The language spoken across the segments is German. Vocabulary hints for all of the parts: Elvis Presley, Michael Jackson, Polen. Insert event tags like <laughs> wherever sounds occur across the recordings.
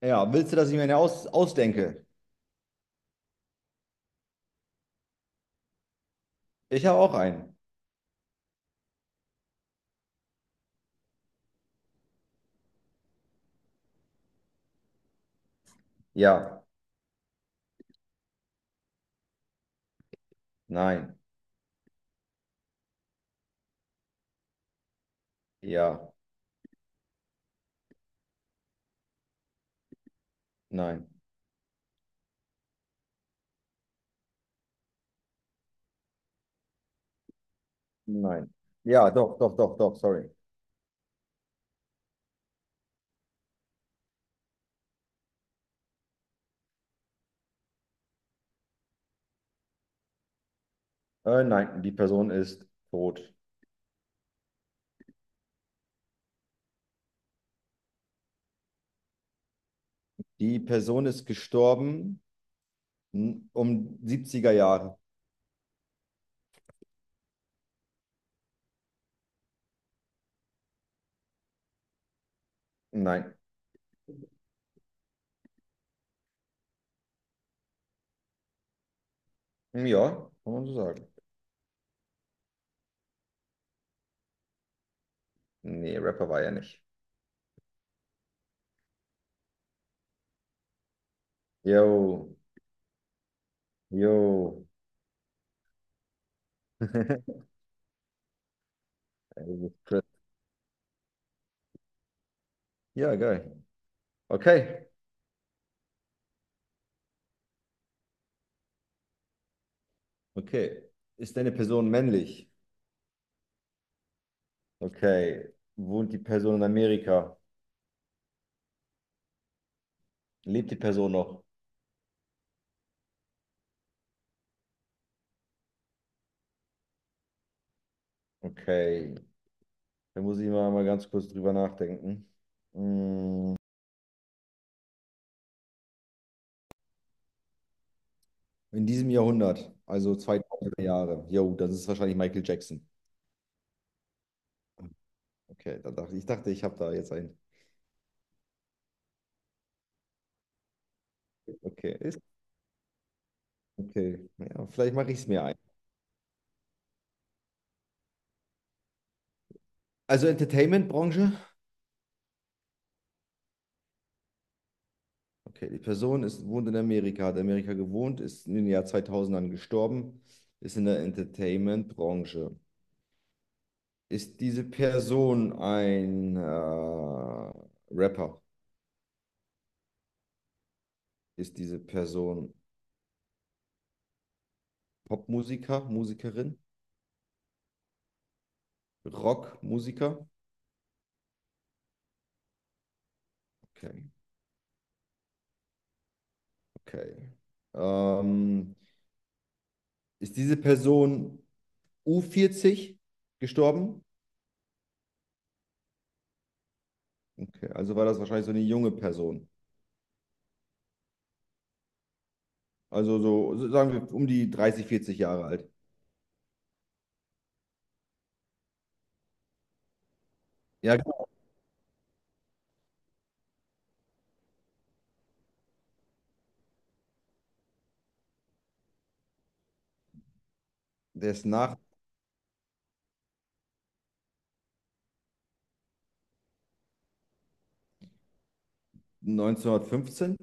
Ja, willst du, dass ich mir eine ausdenke? Ich habe auch einen. Ja, nein, ja, nein, nein. Ja, doch, doch, doch, doch, sorry. Nein, die Person ist tot. Die Person ist gestorben um 70er Jahre. Nein. Ja, kann man so sagen. Nee, Rapper war er nicht. Yo, yo. <laughs> Elvis Presley. Ja, geil. Okay, okay. Ist deine Person männlich? Okay. Wohnt die Person in Amerika? Lebt die Person noch? Okay. Da muss ich mal ganz kurz drüber nachdenken. Mm, in diesem Jahrhundert, also 2000 Jahre. Jo, das ist wahrscheinlich Michael Jackson. Okay, da dachte, ich habe da jetzt einen. Okay, ist okay. Ja, vielleicht mache ich es mir ein. Also Entertainment-Branche. Okay, die Person ist, wohnt in Amerika, hat Amerika gewohnt, ist in den Jahr 2000ern gestorben, ist in der Entertainment-Branche. Ist diese Person ein Rapper? Ist diese Person Popmusiker, Musikerin, Rockmusiker? Okay, okay. Ähm, Ist diese Person u vierzig gestorben? Okay, also war das wahrscheinlich so eine junge Person. Also so sagen wir, um die 30, 40 Jahre alt. Ja, genau. Der ist nach 1915?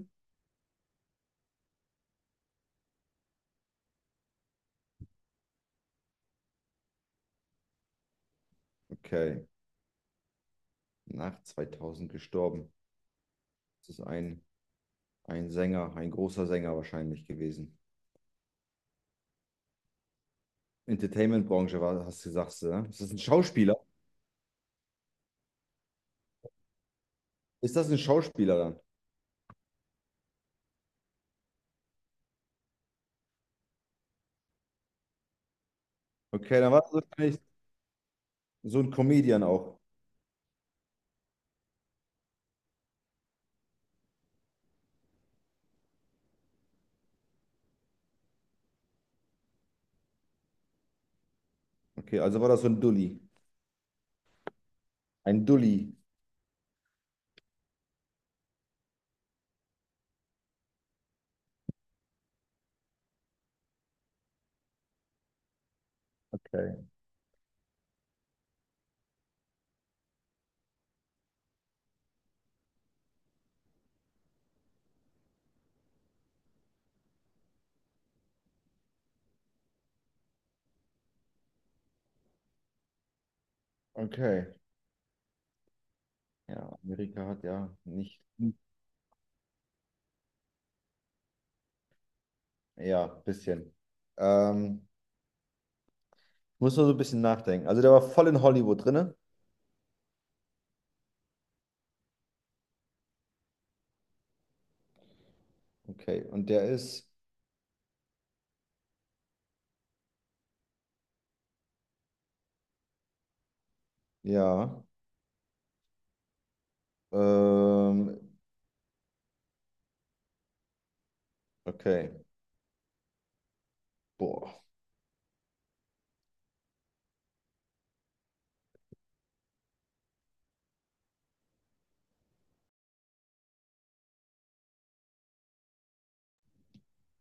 Okay, nach 2000 gestorben. Das ist ein Sänger, ein großer Sänger wahrscheinlich gewesen. Entertainment-Branche war, hast du gesagt, ne? Ist das ein Schauspieler? Ist das ein Schauspieler dann? Okay, dann war das wahrscheinlich so ein Comedian auch. Okay, also war das so ein Dulli. Ein Dulli. Okay. Okay. Ja, Amerika hat ja nicht. Ja, bisschen. Ähm, Muss nur so ein bisschen nachdenken. Also der war voll in Hollywood drinne. Okay, und der ist. Ja. Ähm, okay. Boah.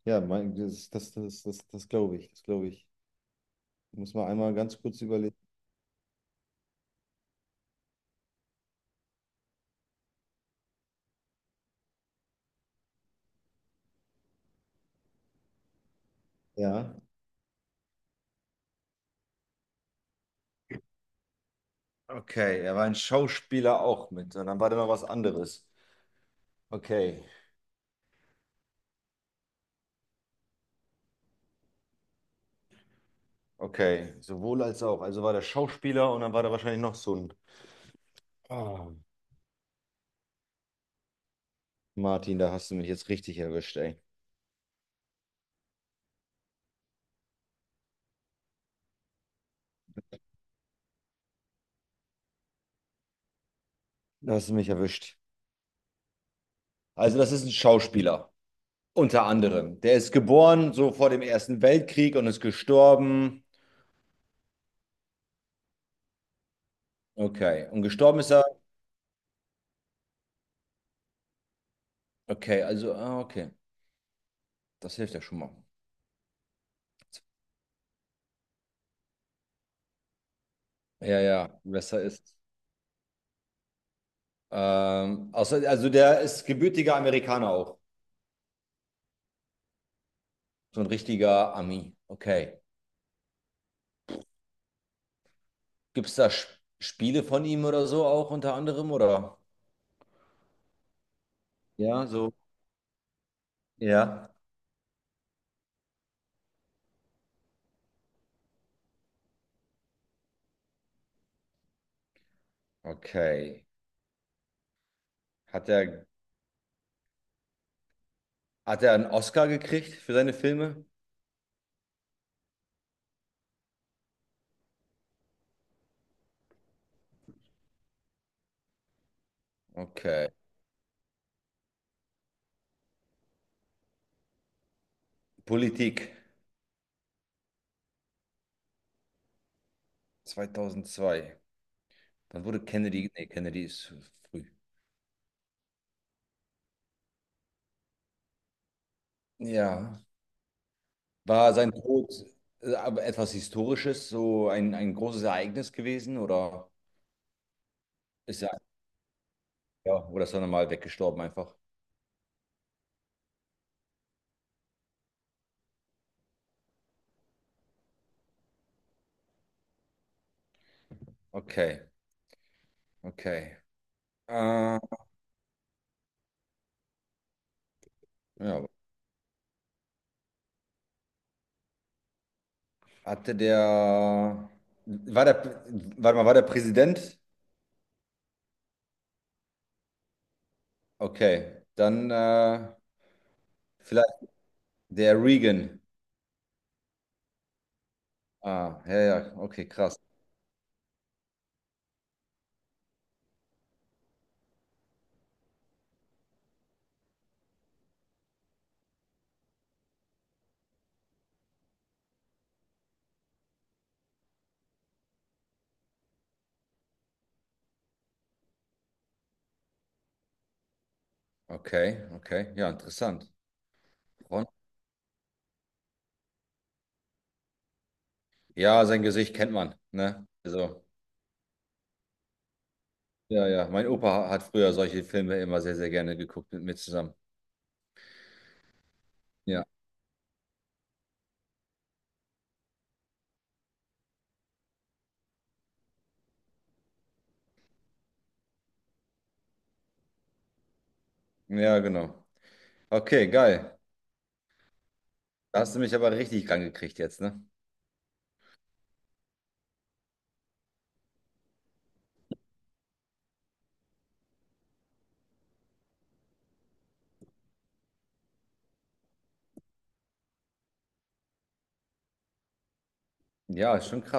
Ja, mein, das glaube ich. Das glaube ich. Muss man einmal ganz kurz überlegen. Ja. Okay, er war ein Schauspieler auch mit. Und dann war da noch was anderes. Okay, okay. Sowohl als auch. Also war der Schauspieler und dann war da wahrscheinlich noch so ein. Ah. Martin, da hast du mich jetzt richtig erwischt, ey. Da hast du mich erwischt. Also, das ist ein Schauspieler, unter anderem. Der ist geboren so vor dem Ersten Weltkrieg und ist gestorben. Okay. Und gestorben ist er. Okay, also, ah, okay. Das hilft ja schon mal. Ja, ja, besser ist. Außer, also, der ist gebürtiger Amerikaner auch. So ein richtiger Ami. Okay. Gibt es da Sch- Spiele von ihm oder so auch unter anderem? Oder? Ja, so. Ja. Okay. Hat er, hat er, einen Oscar gekriegt für seine Filme? Okay. Politik 2002. Dann wurde Kennedy, nee, Kennedy ist früh. Ja. War sein Tod aber etwas Historisches, so ein großes Ereignis gewesen oder ist er, ja, oder ist er normal weggestorben einfach? Okay, okay. Äh, ja, Hatte der, war der, warte mal, war der Präsident? Okay, dann vielleicht der Reagan. Ah, ja, ja, okay, krass. Okay, okay, ja, interessant. Ron? Ja, sein Gesicht kennt man, ne? Also, ja, ja, mein Opa hat früher solche Filme immer sehr, sehr gerne geguckt mit mir zusammen. Ja, ja, genau. Okay, geil. Da hast du mich aber richtig rangekriegt jetzt, ne? Ja, ist schon krass.